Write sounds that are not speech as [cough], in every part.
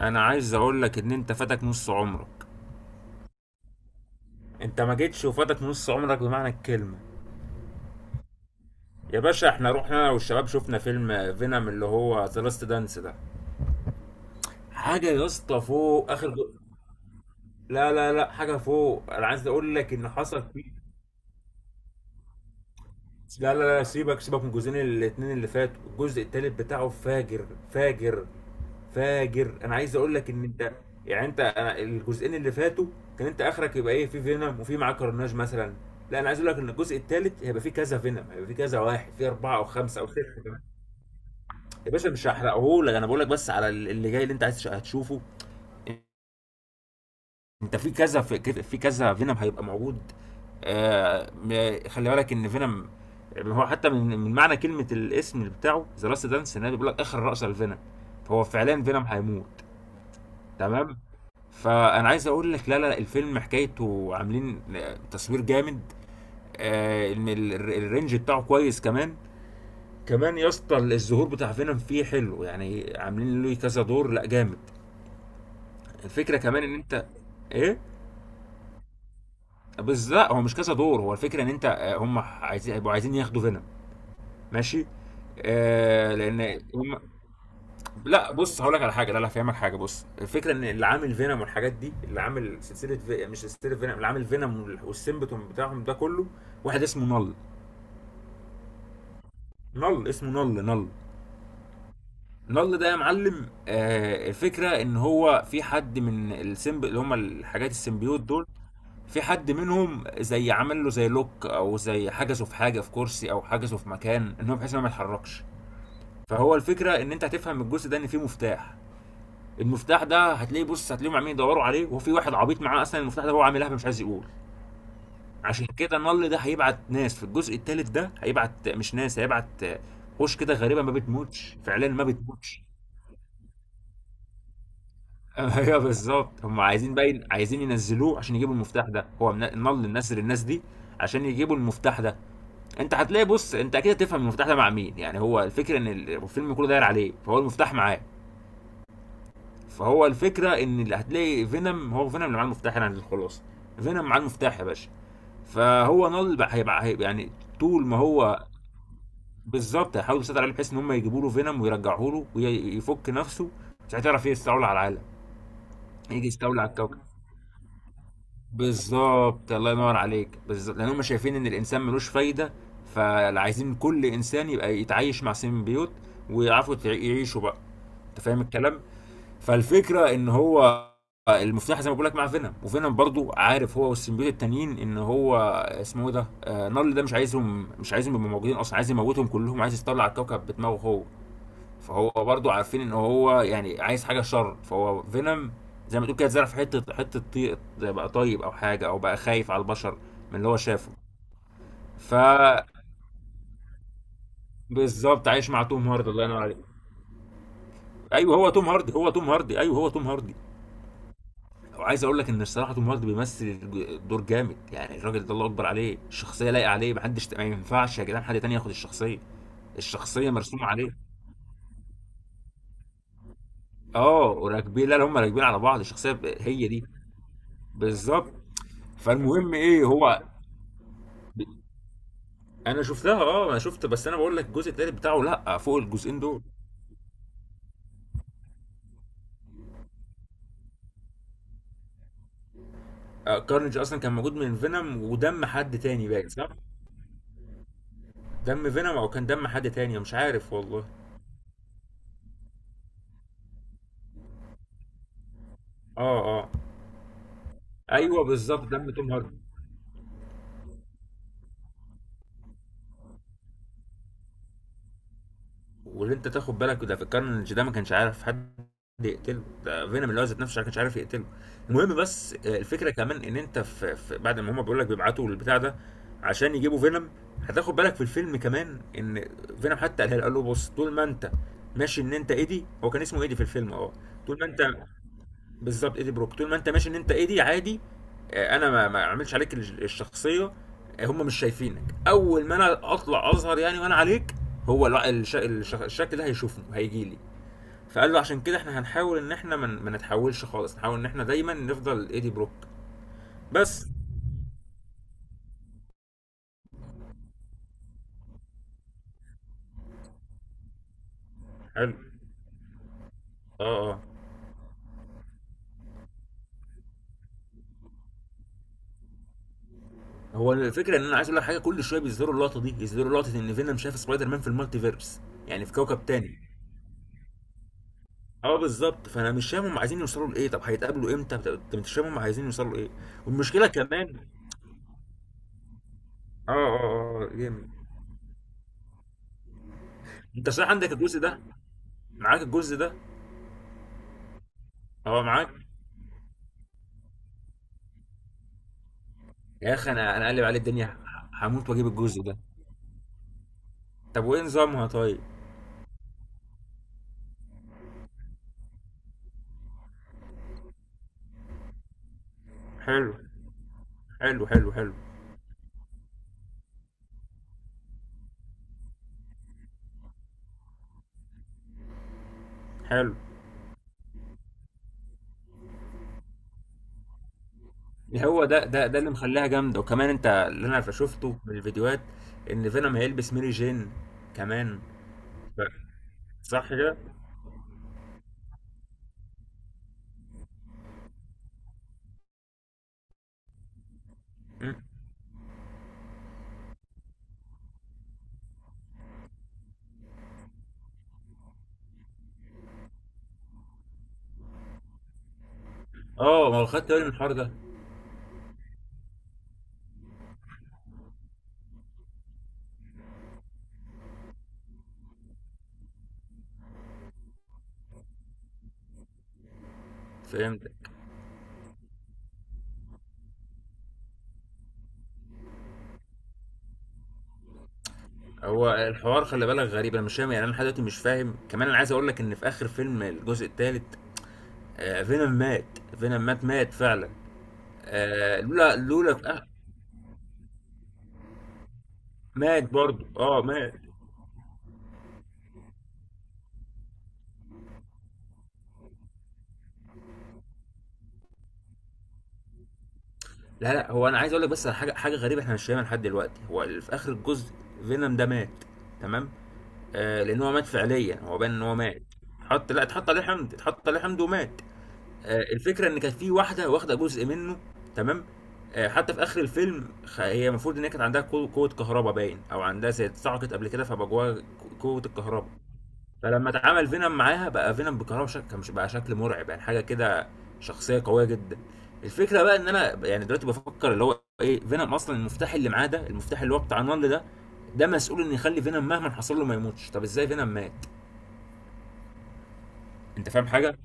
انا عايز اقول لك ان انت فاتك نص عمرك. انت ما جيتش وفاتك نص عمرك بمعنى الكلمه. يا باشا احنا رحنا انا والشباب شفنا فيلم فينوم اللي هو ذا لاست دانس ده. حاجه يا اسطى فوق اخر لا لا لا، حاجه فوق. انا عايز اقول لك ان حصل فيه. لا لا لا، سيبك سيبك من الجزئين الاتنين اللي فاتوا. الجزء التالت بتاعه فاجر فاجر فاجر. انا عايز اقول لك ان انت يعني انت أنا الجزئين اللي فاتوا كان انت اخرك يبقى ايه؟ في فينوم وفي معاه كرناج مثلا. لا، انا عايز اقول لك ان الجزء الثالث هيبقى فيه كذا فينوم، هيبقى فيه كذا واحد، فيه اربعه او خمسه او سته كمان. يا باشا مش هحرقه لك، انا بقول لك بس على اللي جاي اللي انت عايز هتشوفه. انت في كذا في كذا فينوم هيبقى موجود. آه خلي بالك ان فينوم، يعني هو حتى من معنى كلمه الاسم بتاعه ذا لاست دانس ان هو بيقول لك اخر رأس الفينوم. فهو فعليا فينوم هيموت. تمام. فانا عايز اقول لك، لا لا، الفيلم حكايته عاملين تصوير جامد. آه، ان الرينج بتاعه كويس كمان. كمان يا اسطى الظهور بتاع فينوم فيه حلو يعني، عاملين له كذا دور، لا جامد. الفكره كمان ان انت ايه بس، لا هو مش كذا دور، هو الفكره ان انت آه، هم عايزين، هيبقوا عايزين ياخدوا فينوم. ماشي. آه لان هم. لا بص، هقول لك على حاجه، لا لا، هفهمك حاجه. بص الفكره ان اللي عامل فينوم والحاجات دي اللي عامل مش سلسله، فينوم اللي عامل فينوم والسيمبتوم بتاعهم ده كله واحد اسمه نل. نل، اسمه نل. نل، نل ده يا معلم، آه الفكره ان هو في حد من السيمب اللي هم الحاجات السيمبيوت دول، في حد منهم زي عمل له زي لوك او زي حجزه في حاجه، في كرسي او حجزه في مكان، ان هو بحيث ان هو ما يتحركش. فهو الفكره ان انت هتفهم من الجزء ده ان فيه مفتاح. المفتاح ده هتلاقيه، بص هتلاقيهم عاملين يدوروا عليه، وفي واحد عبيط معاه اصلا المفتاح ده، هو عامل لهبه مش عايز يقول. عشان كده النل ده هيبعت ناس في الجزء الثالث ده، هيبعت مش ناس، هيبعت وش كده غريبه ما بتموتش فعليا، ما بتموتش. [laughs] ايوه بالظبط، هم عايزين باين، عايزين ينزلوه عشان يجيبوا المفتاح ده. هو النل نزل الناس دي عشان يجيبوا المفتاح ده. انت هتلاقي، بص انت اكيد هتفهم المفتاح ده مع مين. يعني هو الفكره ان الفيلم كله داير عليه، فهو المفتاح معاه. فهو الفكره ان اللي هتلاقي فينوم هو فينوم اللي معاه المفتاح، يعني الخلاصه فينوم معاه المفتاح يا باشا. فهو هيبقى يعني طول ما هو. بالظبط، هيحاولوا يسيطروا عليه بحيث ان هم يجيبوا له فينوم ويرجعوه له ويفك نفسه، مش هتعرف يستولى على العالم، يجي يستولى على الكوكب. بالظبط، الله ينور عليك، بالظبط لان هم شايفين ان الانسان ملوش فايده. فعايزين كل انسان يبقى يتعايش مع سيمبيوت ويعرفوا يعيشوا بقى. انت فاهم الكلام. فالفكره ان هو المفتاح زي ما بقول لك مع فينوم، وفينوم برضو عارف هو والسيمبيوت التانيين ان هو اسمه ايه ده، آه نارل ده، مش عايزهم، مش عايزهم يبقوا موجودين اصلا، عايز يموتهم كلهم، عايز يطلع الكوكب بدماغه هو. فهو برضو عارفين ان هو يعني عايز حاجه شر. فهو فينوم زي ما تقول كده اتزرع في حته حته بقى طيب او حاجه، او بقى خايف على البشر من اللي هو شافه. ف بالظبط عايش مع توم هاردي، الله ينور عليك. ايوه هو توم هاردي، هو توم هاردي، ايوه هو توم هاردي. وعايز اقول لك ان الصراحه توم هاردي بيمثل الدور جامد يعني. الراجل ده الله اكبر عليه، الشخصيه لايقه عليه، محدش، ما ينفعش يا جدعان حد تاني ياخد الشخصيه، الشخصيه مرسومه عليه. اه، وراكبين، لا لا هم راكبين على بعض، الشخصيه هي دي. بالظبط. فالمهم ايه هو. ب- انا شفتها اه، انا شفت، بس انا بقول لك الجزء التالت بتاعه لا، فوق الجزئين دول. آه، كارنج اصلا كان موجود من فينوم ودم حد تاني باين، صح؟ دم فينوم او كان دم حد تاني مش عارف والله. اه اه. ايوه بالظبط دم توم هاردي. واللي انت تاخد بالك ده، في الكارنج ده ما كانش عارف حد يقتله، ده فينوم اللي هو ذات نفسه ما كانش عارف يقتله. المهم بس، آه، الفكره كمان ان انت في بعد ما هم بيقول لك بيبعتوا البتاع ده عشان يجيبوا فينوم، هتاخد بالك في الفيلم كمان ان فينوم حتى قالها له، قال له بص طول ما انت ماشي ان انت ايدي، هو كان اسمه ايدي في الفيلم اه. طول ما انت، بالظبط ايدي بروك، طول ما انت ماشي ان انت ايدي عادي. آه، انا ما اعملش عليك الشخصيه. آه، هم مش شايفينك، اول ما انا اطلع اظهر يعني وانا عليك، هو الع- الش... الش... الشكل ده هيشوفني هيجي لي. فقال له عشان كده احنا هنحاول ان احنا ما نتحولش خالص، نحاول ان احنا دايما نفضل ايدي بروك. بس. حلو. اه اه. هو الفكره ان انا عايز اقول لك حاجه، كل شويه بيظهروا اللقطه دي، يظهروا لقطه ان فينوم شاف سبايدر مان في المالتيفيرس، يعني في كوكب تاني. اه بالظبط، فانا مش فاهم هم عايزين يوصلوا لايه؟ طب هيتقابلوا امتى؟ طب انت مش فاهم هم عايزين يوصلوا لايه. والمشكله كمان. اه اه اه اه، جامد. انت صحيح عندك الجزء ده؟ معاك الجزء ده؟ اه معاك. يا اخي انا قلب عليه الدنيا، هموت واجيب الجزء ده. طب وايه نظامها طيب؟ حلو حلو حلو. حلو حلو. هو ده ده ده اللي مخليها جامده. وكمان انت اللي انا شفته من الفيديوهات ان فينوم هيلبس ميري جين كمان. ف- صح كده؟ مم. اه، ما هو خدت بالي من الحوار ده. فهمت. هو الحوار خلي بالك غريب، انا مش فاهم يعني، انا لحد دلوقتي مش فاهم كمان. انا عايز اقول لك ان في اخر فيلم الجزء الثالث، آه فينوم مات. فينوم مات، مات فعلا. آه لولا لولا. آه مات برضه، اه مات. لا لا، هو انا عايز اقول لك بس على حاجه، حاجه غريبه احنا مش فاهمها لحد دلوقتي. هو في اخر الجزء فينوم ده مات، تمام؟ آه لان هو مات فعليا، هو بان ان هو مات. حط، لا اتحط عليه حمض، اتحط عليه حمض ومات. آه، الفكره ان كانت في واحده واخده جزء منه، تمام؟ آه، حتى في اخر الفيلم هي المفروض ان هي كانت عندها قوه، قوة كهرباء باين، او عندها زي اتسعقت قبل كده فبقى جواها قوه الكهرباء. فلما اتعامل فينوم معاها بقى فينوم بالكهرباء، كان مش بقى شكل مرعب يعني، حاجه كده، شخصيه قويه جدا. الفكره بقى ان انا يعني دلوقتي بفكر اللي هو ايه فينوم، اصلا المفتاح اللي معاه ده، المفتاح اللي هو بتاع النمل ده، ده مسؤول ان يخلي فينوم مهما حصل له ما يموتش، طب ازاي فينوم مات؟ انت فاهم حاجه؟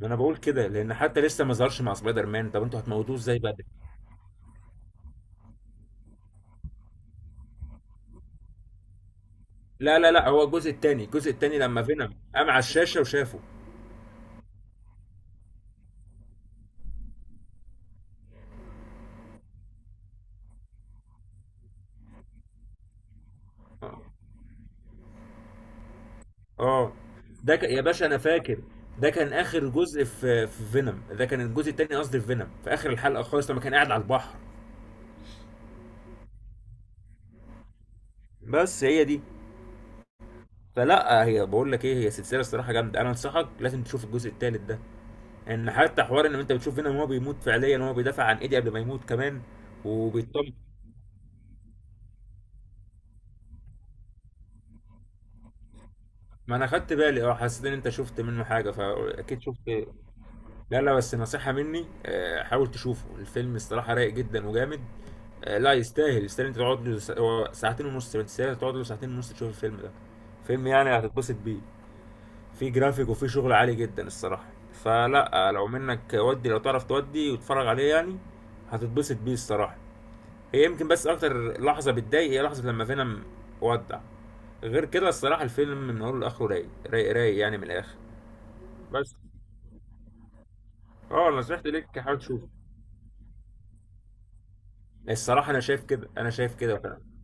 ما انا بقول كده لان حتى لسه ما ظهرش مع سبايدر مان، طب انتوا هتموتوه ازاي بقى؟ لا لا لا، هو الجزء التاني، الجزء التاني لما فينوم قام على الشاشه وشافه. اه. آه. ده يا باشا انا فاكر، ده كان اخر جزء في فينوم، ده كان الجزء التاني، قصدي في فينوم في اخر الحلقه خالص لما كان قاعد على البحر. بس هي دي. فلا، هي بقول لك ايه، هي سلسله الصراحه جامده، انا انصحك لازم تشوف الجزء التالت ده، ان حتى حوار ان انت بتشوف فينوم وهو بيموت فعليا وهو بيدافع عن ايدي قبل ما يموت كمان، وبيطمن. ما انا خدت بالي اه، حسيت ان انت شفت منه حاجه فاكيد شفت. لا لا، بس نصيحه مني آه، حاول تشوفه. الفيلم الصراحه رايق جدا وجامد. آه، لا يستاهل، يستاهل انت تقعد له هو ساعتين ونص، ما تستاهل تقعد له ساعتين ونص تشوف الفيلم ده. فيلم يعني هتتبسط بيه، في جرافيك وفي شغل عالي جدا الصراحه. فلا آه، لو منك ودي لو تعرف تودي وتتفرج عليه يعني. هتتبسط بيه الصراحه. هي يمكن بس اكتر لحظه بتضايق هي لحظه لما فينوم ودع. غير كده الصراحه الفيلم من اوله لاخره رايق رايق رايق يعني من الاخر. بس اه، نصيحتي ليك حاول تشوفه. الصراحه انا شايف كده، انا شايف كده فعلا.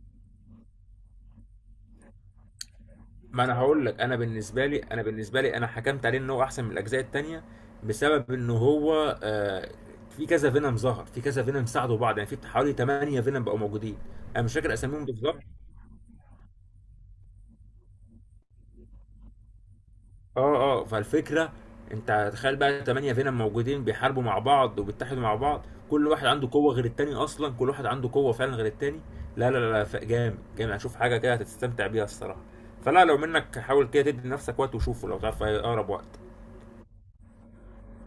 ما انا هقول لك، انا بالنسبه لي انا حكمت عليه ان هو احسن من الاجزاء التانية بسبب ان هو آه في كذا فينوم ظهر، في كذا فينوم ساعدوا بعض، يعني في حوالي 8 فينوم بقوا موجودين، انا مش فاكر اساميهم بالظبط. اه اه، فالفكره، انت تخيل بقى تمانية فينوم موجودين بيحاربوا مع بعض وبيتحدوا مع بعض، كل واحد عنده قوه غير التاني، اصلا كل واحد عنده قوه فعلا غير التاني. لا لا لا لا، جامد جامد، هشوف حاجه كده هتستمتع بيها الصراحه. فلا لو منك حاول كده تدي لنفسك وقت وشوفه لو تعرف في اقرب وقت.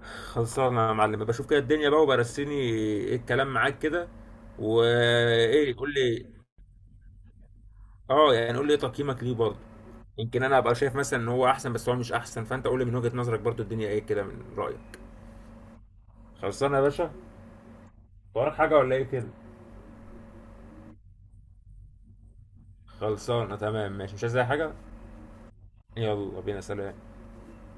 خلصانه يا معلم، بشوف كده الدنيا بقى، وبرسيني ايه الكلام معاك كده. وايه قول لي. اه يعني قول لي ايه تقييمك ليه برضه. يمكن انا ابقى شايف مثلا ان هو احسن بس هو مش احسن، فانت قول لي من وجهة نظرك برضه الدنيا ايه كده من رايك. خلصانه يا باشا. وراك حاجة ولا ايه كده؟ خلصانة، تمام ماشي، مش عايز أي حاجة؟ يلا بينا، سلام.